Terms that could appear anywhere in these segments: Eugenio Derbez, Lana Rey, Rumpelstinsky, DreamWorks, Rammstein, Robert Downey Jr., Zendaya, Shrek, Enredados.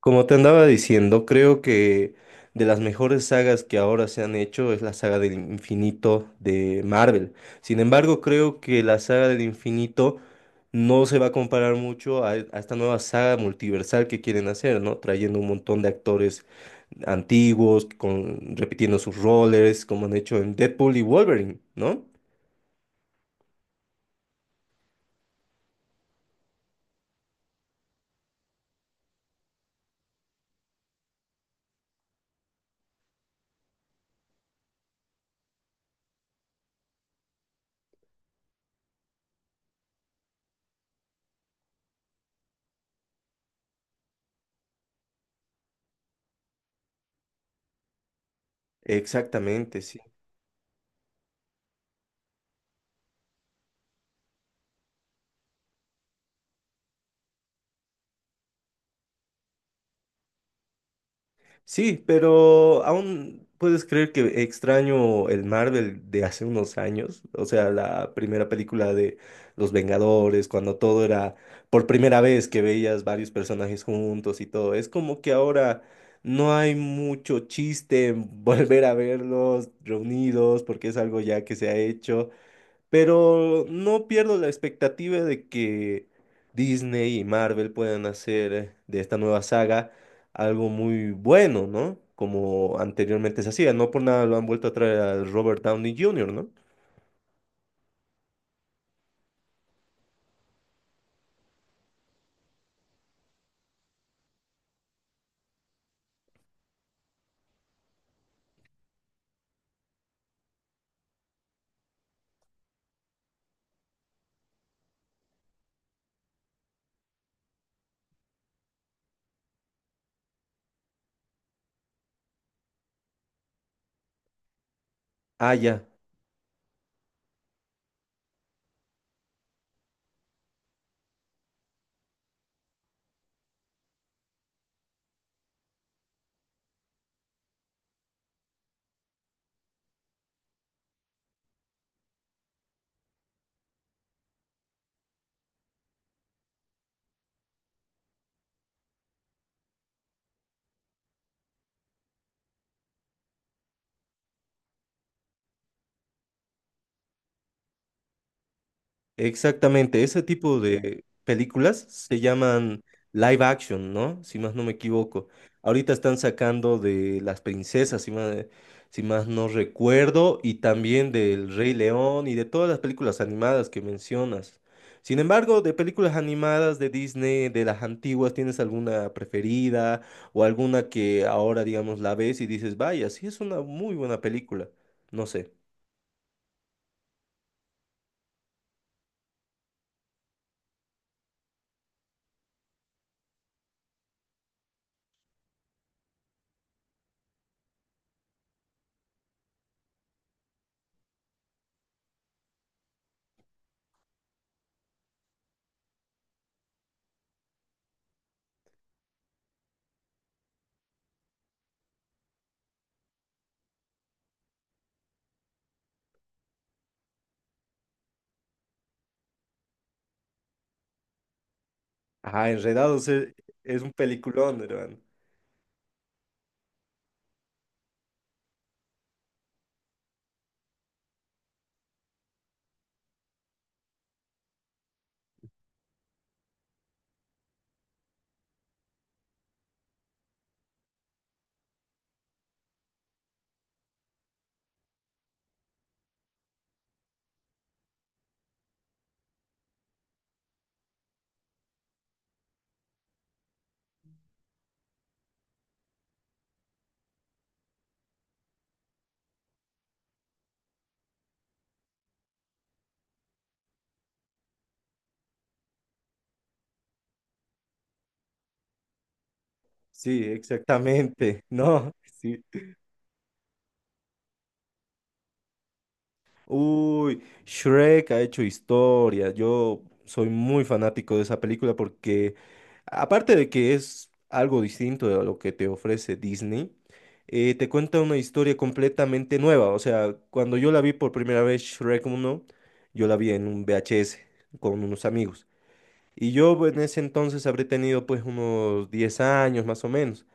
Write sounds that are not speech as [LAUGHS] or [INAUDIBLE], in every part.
Como te andaba diciendo, creo que de las mejores sagas que ahora se han hecho es la saga del infinito de Marvel. Sin embargo, creo que la saga del infinito no se va a comparar mucho a esta nueva saga multiversal que quieren hacer, ¿no? Trayendo un montón de actores antiguos, repitiendo sus roles, como han hecho en Deadpool y Wolverine, ¿no? Exactamente, sí. Sí, pero aún puedes creer que extraño el Marvel de hace unos años, o sea, la primera película de Los Vengadores, cuando todo era por primera vez que veías varios personajes juntos y todo. Es como que ahora no hay mucho chiste en [LAUGHS] volver a verlos reunidos porque es algo ya que se ha hecho. Pero no pierdo la expectativa de que Disney y Marvel puedan hacer de esta nueva saga algo muy bueno, ¿no? Como anteriormente se hacía. No por nada lo han vuelto a traer a Robert Downey Jr., ¿no? Ah, ya. Exactamente, ese tipo, sí, de películas se llaman live action, ¿no? Si más no me equivoco. Ahorita están sacando de Las Princesas, si más no recuerdo, y también del Rey León y de todas las películas animadas que mencionas. Sin embargo, de películas animadas de Disney, de las antiguas, ¿tienes alguna preferida o alguna que ahora, digamos, la ves y dices, vaya, sí es una muy buena película? No sé. Ah, Enredados es un peliculón, hermano. Sí, exactamente, [LAUGHS] ¿no? Sí. Uy, Shrek ha hecho historia. Yo soy muy fanático de esa película porque, aparte de que es algo distinto de lo que te ofrece Disney, te cuenta una historia completamente nueva. O sea, cuando yo la vi por primera vez, Shrek uno, yo la vi en un VHS con unos amigos. Y yo en ese entonces habré tenido pues unos 10 años más o menos.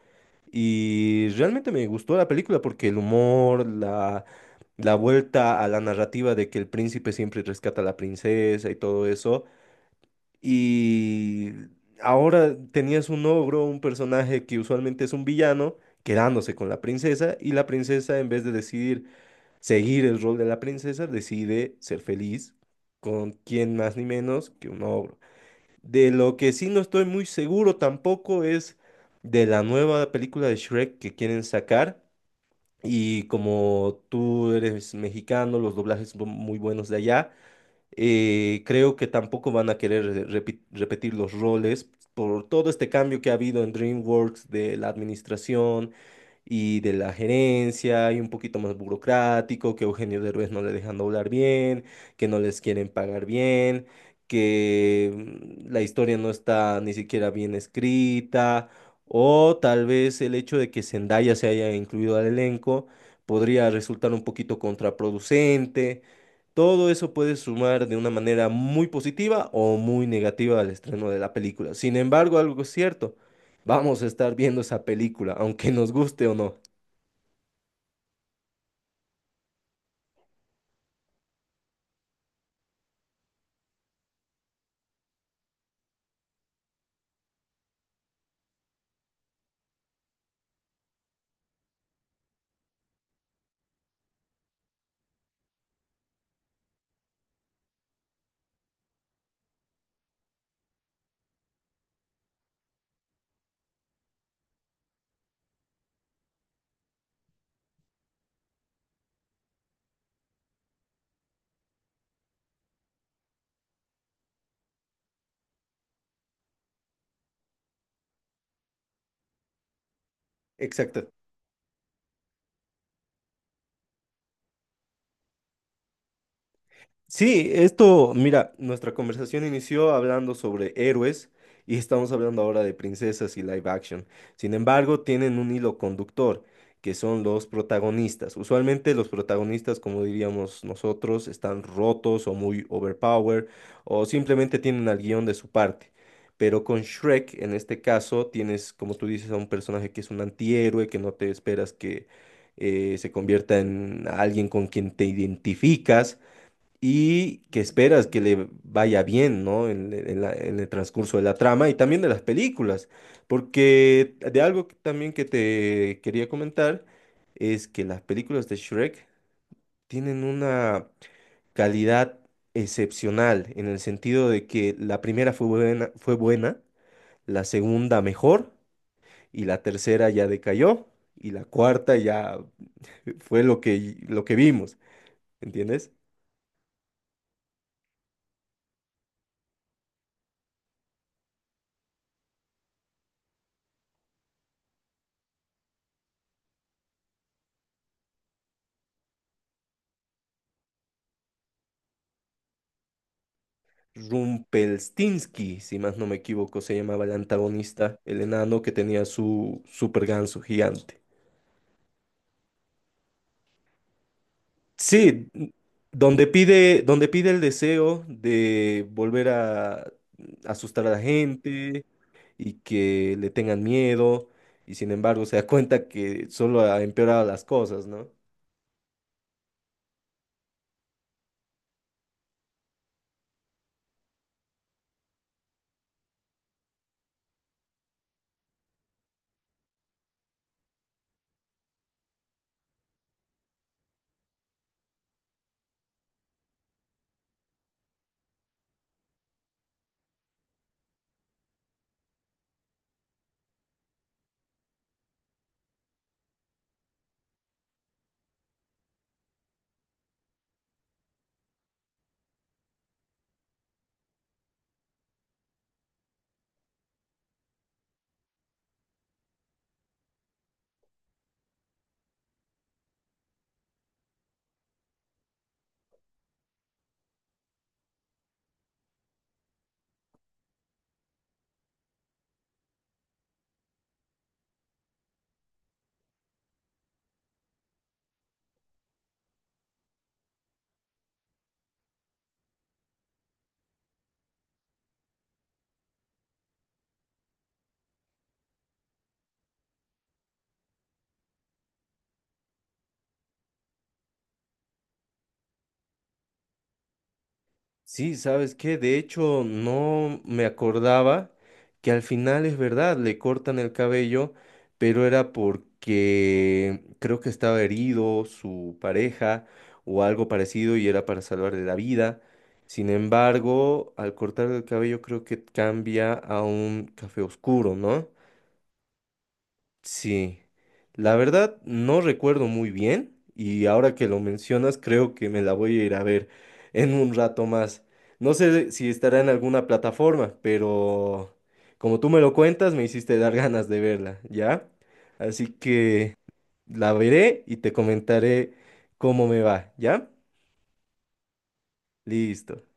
Y realmente me gustó la película porque el humor, la vuelta a la narrativa de que el príncipe siempre rescata a la princesa y todo eso. Y ahora tenías un ogro, un personaje que usualmente es un villano, quedándose con la princesa y la princesa en vez de decidir seguir el rol de la princesa, decide ser feliz con quien más ni menos que un ogro. De lo que sí no estoy muy seguro tampoco es de la nueva película de Shrek que quieren sacar. Y como tú eres mexicano, los doblajes son muy buenos de allá, creo que tampoco van a querer repetir los roles por todo este cambio que ha habido en DreamWorks de la administración y de la gerencia y un poquito más burocrático, que Eugenio Derbez no le dejan doblar bien, que no les quieren pagar bien, que la historia no está ni siquiera bien escrita, o tal vez el hecho de que Zendaya se haya incluido al elenco podría resultar un poquito contraproducente. Todo eso puede sumar de una manera muy positiva o muy negativa al estreno de la película. Sin embargo, algo es cierto, vamos a estar viendo esa película, aunque nos guste o no. Exacto. Sí, esto, mira, nuestra conversación inició hablando sobre héroes y estamos hablando ahora de princesas y live action. Sin embargo, tienen un hilo conductor, que son los protagonistas. Usualmente los protagonistas, como diríamos nosotros, están rotos o muy overpowered o simplemente tienen al guión de su parte. Pero con Shrek, en este caso, tienes, como tú dices, a un personaje que es un antihéroe, que no te esperas que se convierta en alguien con quien te identificas y que esperas que le vaya bien, ¿no? En el transcurso de la trama y también de las películas, porque de algo también que te quería comentar es que las películas de Shrek tienen una calidad excepcional en el sentido de que la primera fue buena, la segunda mejor y la tercera ya decayó y la cuarta ya [LAUGHS] fue lo que vimos, ¿entiendes? Rumpelstinsky, si más no me equivoco, se llamaba el antagonista, el enano que tenía su super ganso gigante. Sí, donde pide el deseo de volver a asustar a la gente y que le tengan miedo, y sin embargo se da cuenta que solo ha empeorado las cosas, ¿no? Sí, ¿sabes qué? De hecho, no me acordaba que al final es verdad, le cortan el cabello, pero era porque creo que estaba herido su pareja o algo parecido y era para salvarle la vida. Sin embargo, al cortar el cabello creo que cambia a un café oscuro, ¿no? Sí, la verdad no recuerdo muy bien y ahora que lo mencionas creo que me la voy a ir a ver en un rato más. No sé si estará en alguna plataforma, pero como tú me lo cuentas me hiciste dar [LAUGHS] ganas de verla, ¿ya? Así que la veré y te comentaré cómo me va, ¿ya? Listo.